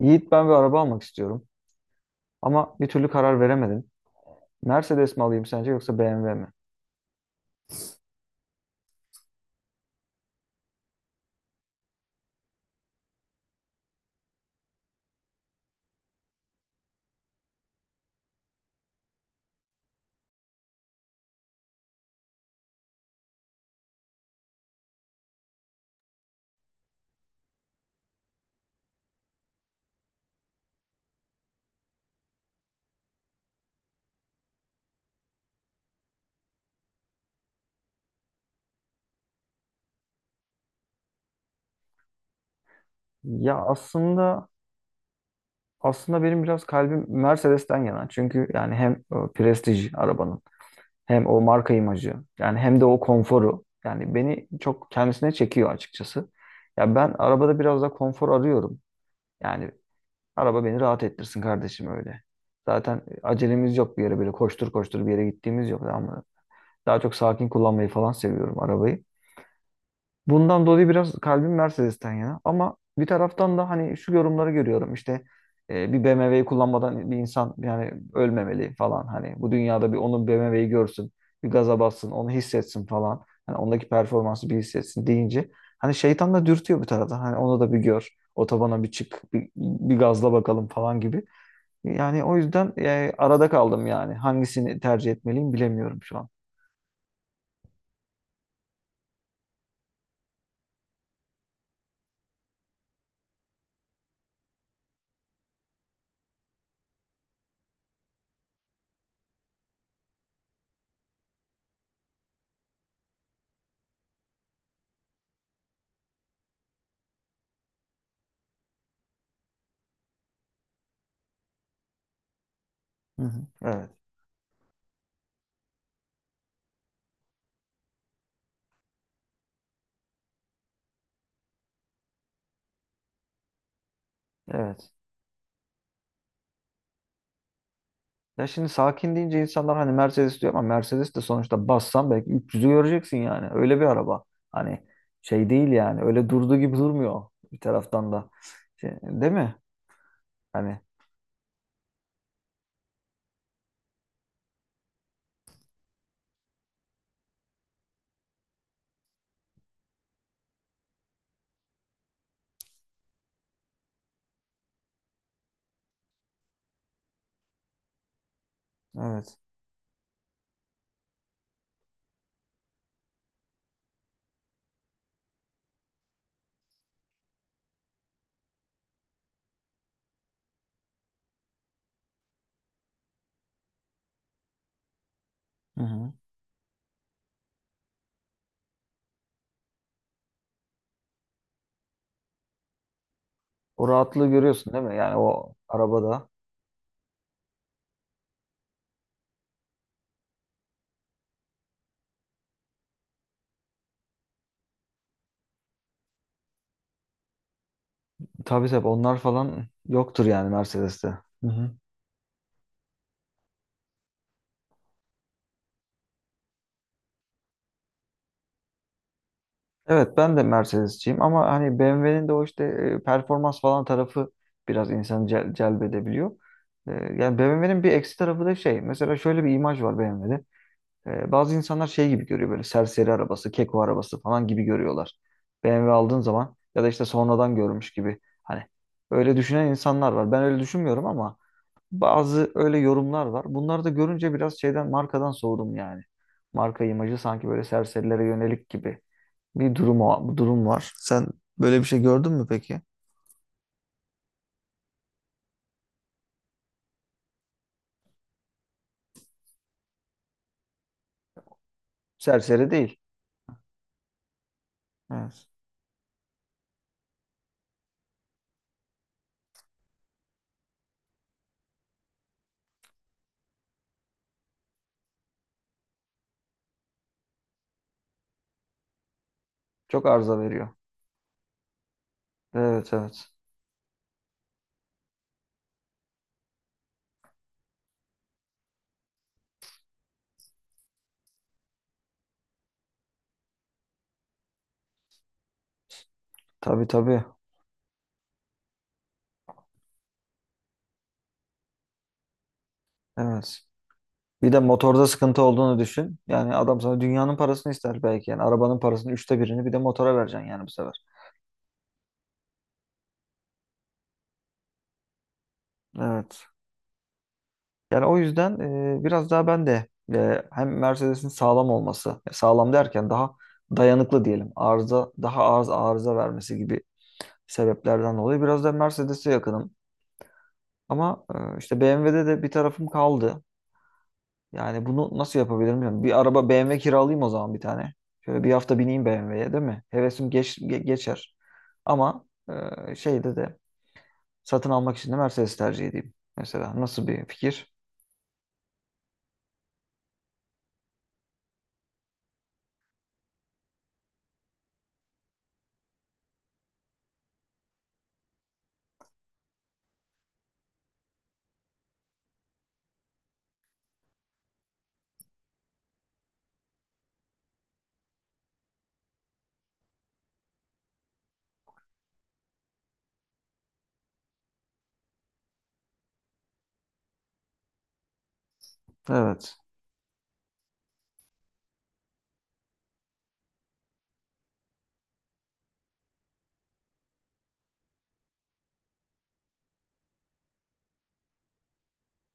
Yiğit ben bir araba almak istiyorum ama bir türlü karar veremedim. Mercedes mi alayım sence yoksa BMW mi? Ya aslında benim biraz kalbim Mercedes'ten yana. Çünkü yani hem prestij arabanın hem o marka imajı yani hem de o konforu yani beni çok kendisine çekiyor açıkçası. Ya ben arabada biraz da konfor arıyorum. Yani araba beni rahat ettirsin kardeşim öyle. Zaten acelemiz yok bir yere böyle koştur koştur bir yere gittiğimiz yok ama daha çok sakin kullanmayı falan seviyorum arabayı. Bundan dolayı biraz kalbim Mercedes'ten yana. Ama bir taraftan da hani şu yorumları görüyorum işte bir BMW'yi kullanmadan bir insan yani ölmemeli falan. Hani bu dünyada bir onun BMW'yi görsün, bir gaza bassın, onu hissetsin falan. Hani ondaki performansı bir hissetsin deyince hani şeytan da dürtüyor bir taraftan. Hani onu da bir gör, otobana bir çık, bir gazla bakalım falan gibi. Yani o yüzden arada kaldım yani. Hangisini tercih etmeliyim bilemiyorum şu an. Hı hı. Evet, evet. Ya şimdi sakin deyince insanlar hani Mercedes diyor ama Mercedes de sonuçta bassan belki 300'ü göreceksin yani. Öyle bir araba. Hani şey değil yani. Öyle durduğu gibi durmuyor bir taraftan da. Şey, değil mi? Hani evet. Hı hı. O rahatlığı görüyorsun değil mi? Yani o arabada. Tabii tabii onlar falan yoktur yani Mercedes'te. Hı hı. Evet ben de Mercedes'ciyim ama hani BMW'nin de o işte performans falan tarafı biraz insanı celbedebiliyor. Yani BMW'nin bir eksi tarafı da şey. Mesela şöyle bir imaj var BMW'de. Bazı insanlar şey gibi görüyor böyle serseri arabası, keko arabası falan gibi görüyorlar. BMW aldığın zaman ya da işte sonradan görmüş gibi. Hani öyle düşünen insanlar var. Ben öyle düşünmüyorum ama bazı öyle yorumlar var. Bunları da görünce biraz şeyden markadan soğudum yani. Marka imajı sanki böyle serserilere yönelik gibi bir durum, durum var. Sen böyle bir şey gördün mü peki? Serseri değil. Evet. Çok arıza veriyor. Evet, evet. Tabii, tabii. Evet. Bir de motorda sıkıntı olduğunu düşün. Yani adam sana dünyanın parasını ister belki. Yani arabanın parasının üçte birini bir de motora vereceksin yani bu sefer. Evet. Yani o yüzden biraz daha ben de hem Mercedes'in sağlam olması, sağlam derken daha dayanıklı diyelim, daha az arıza vermesi gibi sebeplerden dolayı biraz da Mercedes'e yakınım. Ama işte BMW'de de bir tarafım kaldı. Yani bunu nasıl yapabilirim bilmiyorum. Bir araba BMW kiralayayım o zaman bir tane. Şöyle bir hafta bineyim BMW'ye değil mi? Hevesim geçer. Ama şeyde de satın almak için de Mercedes tercih edeyim. Mesela nasıl bir fikir? Evet.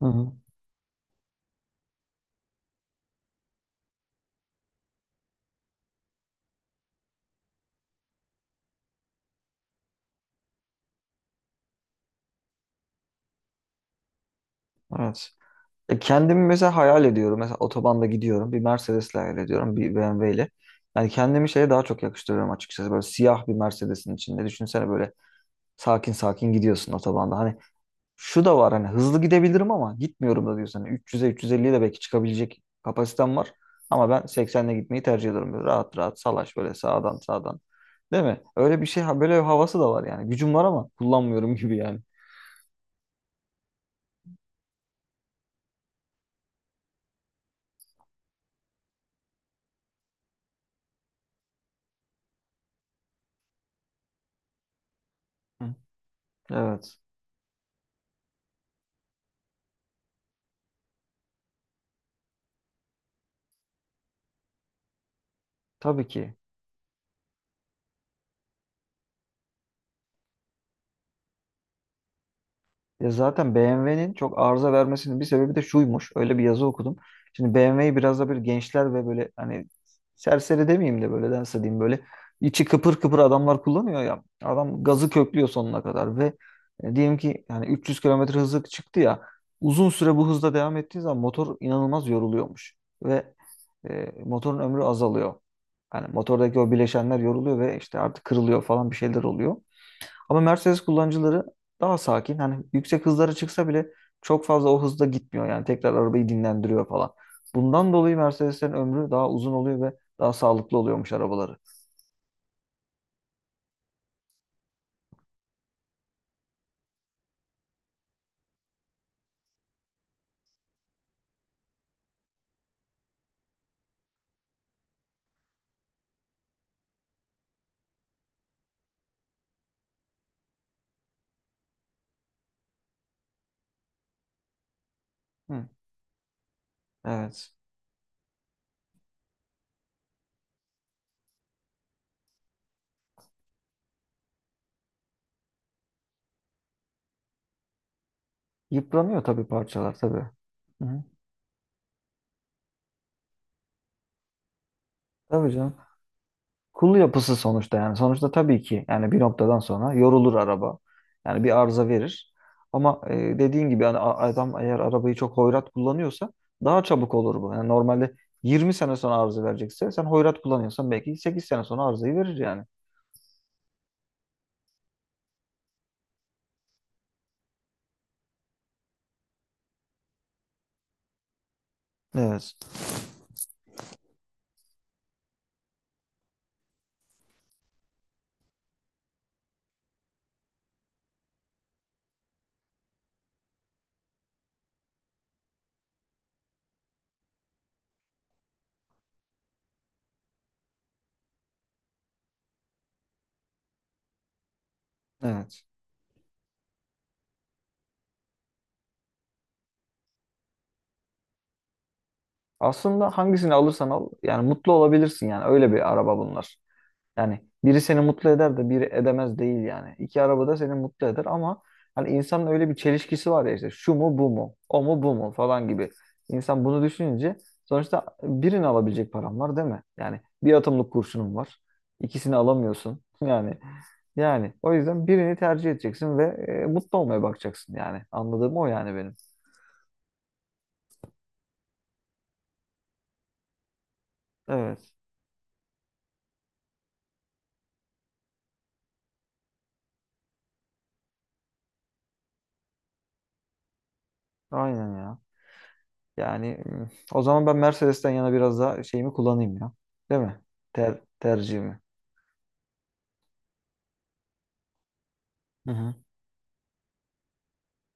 Hı hı. Evet. Kendimi mesela hayal ediyorum. Mesela otobanda gidiyorum. Bir Mercedes'le hayal ediyorum. Bir BMW ile. Yani kendimi şeye daha çok yakıştırıyorum açıkçası. Böyle siyah bir Mercedes'in içinde. Düşünsene böyle sakin sakin gidiyorsun otobanda. Hani şu da var hani hızlı gidebilirim ama gitmiyorum da diyorsun. Hani 300'e 350'ye de belki çıkabilecek kapasitem var. Ama ben 80'le gitmeyi tercih ediyorum. Böyle rahat rahat salaş böyle sağdan sağdan. Değil mi? Öyle bir şey böyle bir havası da var yani. Gücüm var ama kullanmıyorum gibi yani. Hı. Evet. Tabii ki. Ya zaten BMW'nin çok arıza vermesinin bir sebebi de şuymuş. Öyle bir yazı okudum. Şimdi BMW'yi biraz da böyle gençler ve böyle hani serseri demeyeyim de böyle nasıl diyeyim böyle içi kıpır kıpır adamlar kullanıyor ya. Adam gazı köklüyor sonuna kadar ve diyelim ki yani 300 kilometre hızı çıktı ya, uzun süre bu hızda devam ettiği zaman motor inanılmaz yoruluyormuş ve motorun ömrü azalıyor. Yani motordaki o bileşenler yoruluyor ve işte artık kırılıyor falan bir şeyler oluyor. Ama Mercedes kullanıcıları daha sakin. Hani yüksek hızlara çıksa bile çok fazla o hızda gitmiyor. Yani tekrar arabayı dinlendiriyor falan. Bundan dolayı Mercedes'lerin ömrü daha uzun oluyor ve daha sağlıklı oluyormuş arabaları. Hı, evet. Yıpranıyor tabii parçalar tabii. Hı, tabii canım. Kul yapısı sonuçta yani. Sonuçta tabii ki yani bir noktadan sonra yorulur araba. Yani bir arıza verir. Ama dediğin gibi yani adam eğer arabayı çok hoyrat kullanıyorsa daha çabuk olur bu. Yani normalde 20 sene sonra arıza verecekse sen hoyrat kullanıyorsan belki 8 sene sonra arızayı verir yani. Evet. Evet. Aslında hangisini alırsan al yani mutlu olabilirsin yani öyle bir araba bunlar. Yani biri seni mutlu eder de biri edemez değil yani. İki araba da seni mutlu eder ama hani insanın öyle bir çelişkisi var ya işte şu mu bu mu o mu bu mu falan gibi. İnsan bunu düşününce sonuçta birini alabilecek param var değil mi? Yani bir atımlık kurşunum var. İkisini alamıyorsun. Yani o yüzden birini tercih edeceksin ve mutlu olmaya bakacaksın yani. Anladığım o yani benim. Evet. Aynen ya. Yani o zaman ben Mercedes'ten yana biraz daha şeyimi kullanayım ya. Değil mi? Tercihimi. Hı hı.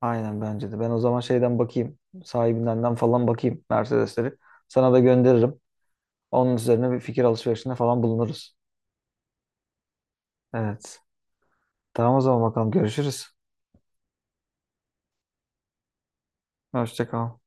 Aynen bence de. Ben o zaman şeyden bakayım. Sahibindenden falan bakayım Mercedes'leri. Sana da gönderirim. Onun üzerine bir fikir alışverişinde falan bulunuruz. Evet. Tamam o zaman bakalım görüşürüz. Hoşça kal.